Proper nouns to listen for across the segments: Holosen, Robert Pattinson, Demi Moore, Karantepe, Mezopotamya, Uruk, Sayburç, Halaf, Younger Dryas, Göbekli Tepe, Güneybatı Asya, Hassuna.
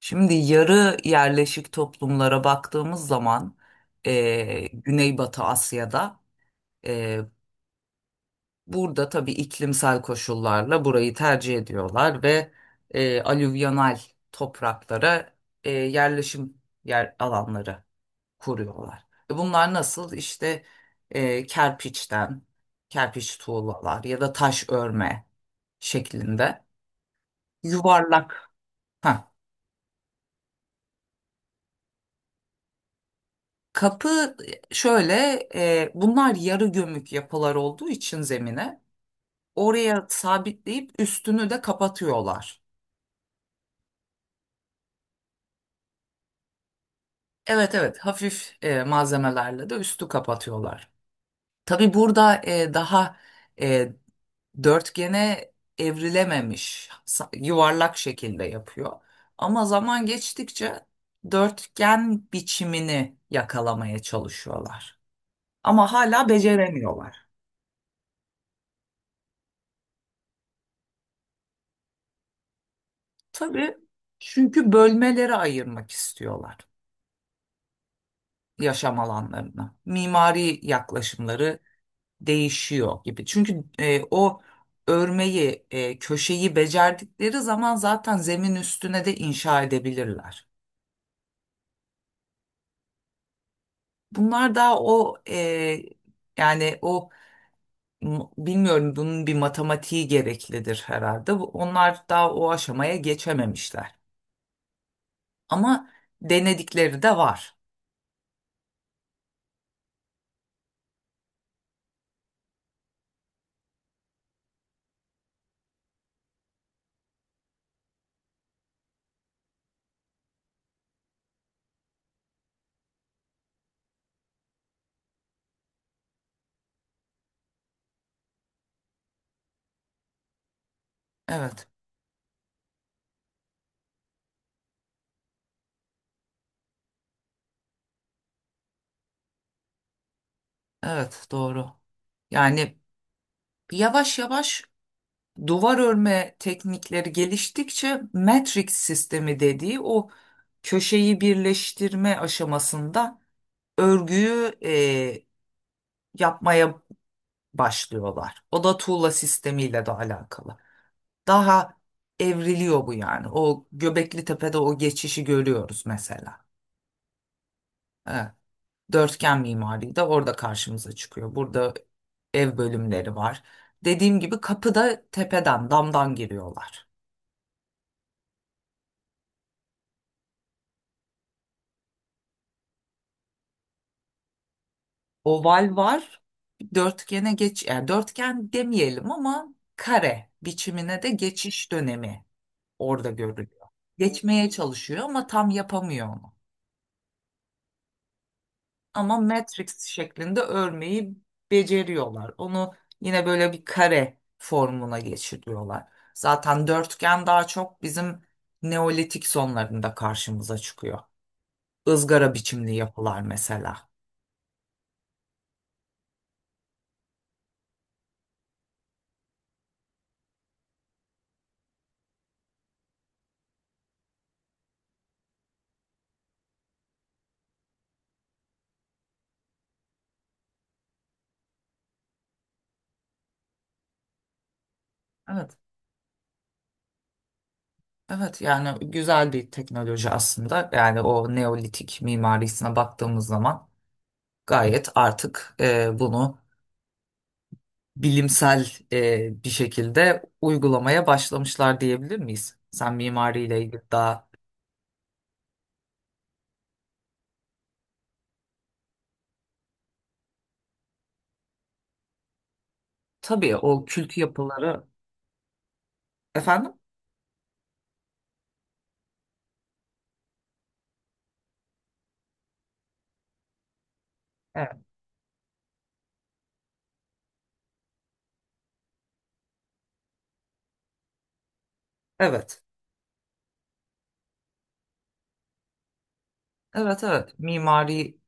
Şimdi yarı yerleşik toplumlara baktığımız zaman, Güneybatı Asya'da, eee, burada tabii iklimsel koşullarla burayı tercih ediyorlar ve alüvyonal topraklara, yerleşim yer alanları kuruyorlar. Bunlar nasıl? İşte kerpiçten, kerpiç tuğlalar ya da taş örme şeklinde yuvarlak. Heh, Kapı, şöyle, bunlar yarı gömük yapılar olduğu için zemine oraya sabitleyip üstünü de kapatıyorlar. Evet, evet, hafif malzemelerle de üstü kapatıyorlar. Tabii burada, daha, e, dörtgene evrilememiş, yuvarlak şekilde yapıyor. Ama zaman geçtikçe dörtgen biçimini yakalamaya çalışıyorlar. Ama hala beceremiyorlar. Tabii, çünkü bölmelere ayırmak istiyorlar yaşam alanlarını. Mimari yaklaşımları değişiyor gibi. Çünkü o örmeyi, köşeyi becerdikleri zaman zaten zemin üstüne de inşa edebilirler. Bunlar daha o, yani o, bilmiyorum, bunun bir matematiği gereklidir herhalde. Onlar daha o aşamaya geçememişler. Ama denedikleri de var. Evet, evet, doğru. Yani yavaş yavaş duvar örme teknikleri geliştikçe matrix sistemi dediği o köşeyi birleştirme aşamasında örgüyü yapmaya başlıyorlar. O da tuğla sistemiyle de alakalı. Daha evriliyor bu yani. O Göbekli Tepe'de o geçişi görüyoruz mesela. Evet. Dörtgen mimari de orada karşımıza çıkıyor. Burada ev bölümleri var. Dediğim gibi kapıda tepeden, damdan giriyorlar. Oval var. Dörtgene geç, yani dörtgen demeyelim ama kare biçimine de geçiş dönemi orada görülüyor. Geçmeye çalışıyor ama tam yapamıyor onu. Ama Matrix şeklinde örmeyi beceriyorlar. Onu yine böyle bir kare formuna geçiriyorlar. Zaten dörtgen daha çok bizim Neolitik sonlarında karşımıza çıkıyor. Izgara biçimli yapılar mesela. Evet. Evet, yani güzel bir teknoloji aslında. Yani o neolitik mimarisine baktığımız zaman gayet artık, bunu bilimsel bir şekilde uygulamaya başlamışlar diyebilir miyiz? Sen mimariyle ilgili daha tabii o kültü yapıları, efendim? Evet. Evet. Evet, evet. Mimari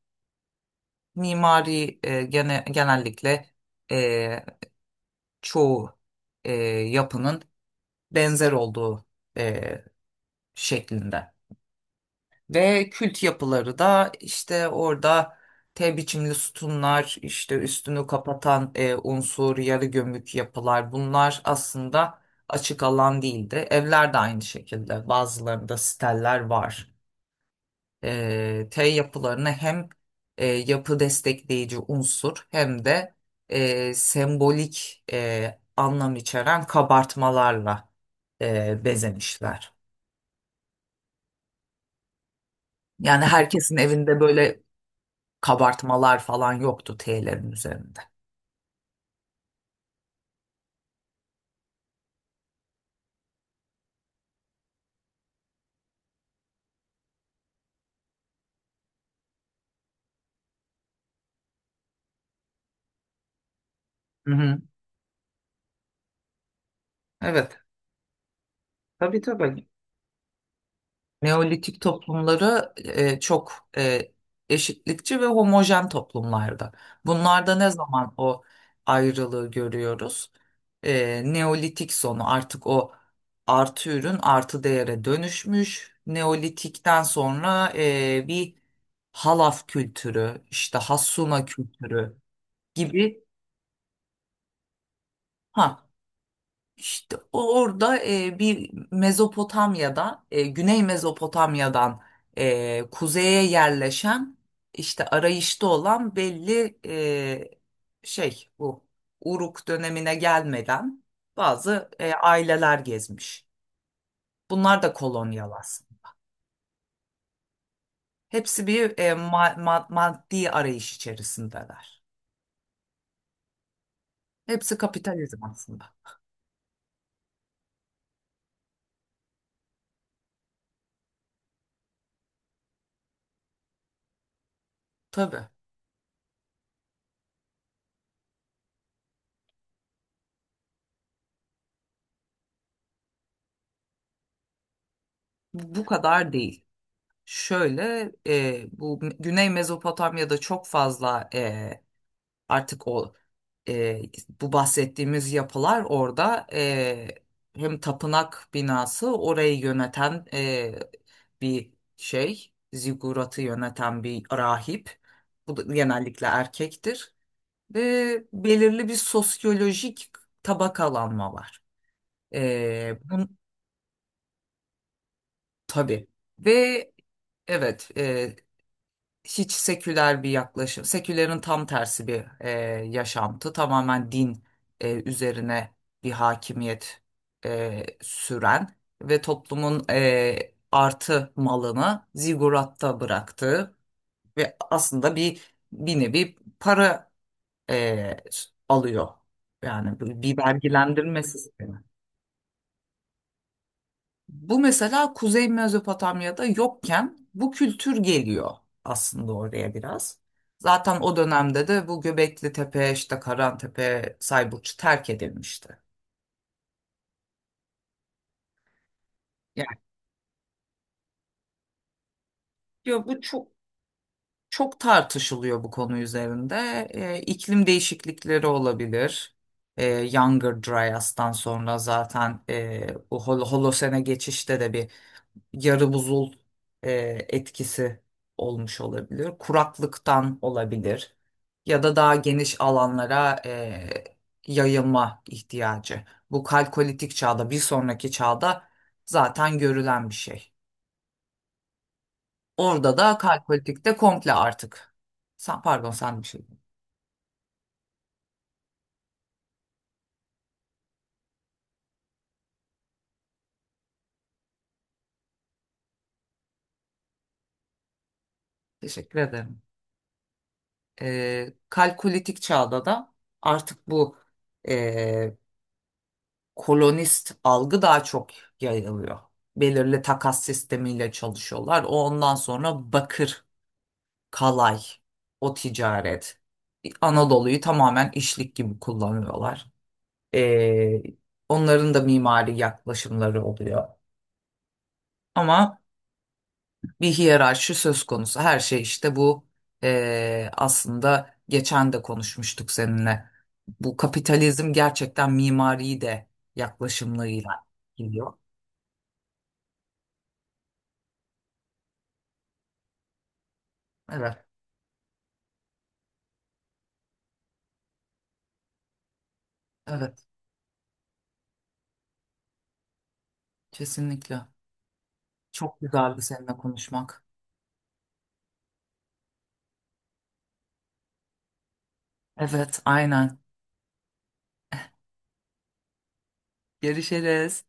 mimari genellikle, e, çoğu e, yapının benzer olduğu e, şeklinde. Ve kült yapıları da işte orada T biçimli sütunlar, işte üstünü kapatan unsur, yarı gömük yapılar, bunlar aslında açık alan değildi. Evler de aynı şekilde bazılarında steller var. T yapılarını hem yapı destekleyici unsur hem de sembolik anlam içeren kabartmalarla bezemişler. Yani herkesin evinde böyle kabartmalar falan yoktu T'lerin üzerinde. Hı hı. Evet. Tabii, tabii. Neolitik toplumları çok eşitlikçi ve homojen toplumlardı. Bunlarda ne zaman o ayrılığı görüyoruz? Neolitik sonu artık o artı ürün artı değere dönüşmüş. Neolitikten sonra bir halaf kültürü, işte Hassuna kültürü gibi. Ha, İşte orada, bir Mezopotamya'da, Güney Mezopotamya'dan kuzeye yerleşen, işte arayışta olan belli, şey, bu Uruk dönemine gelmeden bazı aileler gezmiş. Bunlar da kolonyal aslında. Hepsi bir, maddi arayış içerisindeler. Hepsi kapitalizm aslında. Tabii bu kadar değil. Şöyle, bu Güney Mezopotamya'da çok fazla, artık o, e, bu bahsettiğimiz yapılar orada, hem tapınak binası orayı yöneten, bir şey ziguratı yöneten bir rahip, bu da genellikle erkektir ve belirli bir sosyolojik tabakalanma var. E, bun, tabii ve evet, hiç seküler bir yaklaşım, sekülerin tam tersi bir yaşantı, tamamen din üzerine bir hakimiyet süren ve toplumun artı malını ziguratta bıraktığı ve aslında bir nevi para e, alıyor. Yani bir vergilendirme sistemi. Bu mesela Kuzey Mezopotamya'da yokken bu kültür geliyor aslında oraya biraz. Zaten o dönemde de bu Göbekli Tepe, işte Karantepe, Sayburç terk edilmişti. Yani diyor bu, çok çok tartışılıyor bu konu üzerinde. İklim değişiklikleri olabilir. Ee, Younger Dryas'tan sonra zaten bu Holosen'e geçişte de bir yarı buzul e, etkisi olmuş olabilir. Kuraklıktan olabilir ya da daha geniş alanlara yayılma ihtiyacı. Bu kalkolitik çağda, bir sonraki çağda zaten görülen bir şey. Orada da kalkolitikte komple artık. Sen, pardon, sen bir şey. Teşekkür ederim. Kalkolitik çağda da artık bu, e, kolonist algı daha çok yayılıyor. Belirli takas sistemiyle çalışıyorlar. Ondan sonra bakır, kalay, o ticaret. Anadolu'yu tamamen işlik gibi kullanıyorlar. Ee, onların da mimari yaklaşımları oluyor. Ama bir hiyerarşi söz konusu. Her şey işte bu, aslında geçen de konuşmuştuk seninle. Bu kapitalizm gerçekten mimari de yaklaşımlarıyla gidiyor. Evet. Evet. Kesinlikle. Çok güzeldi seninle konuşmak. Evet, aynen. Görüşürüz.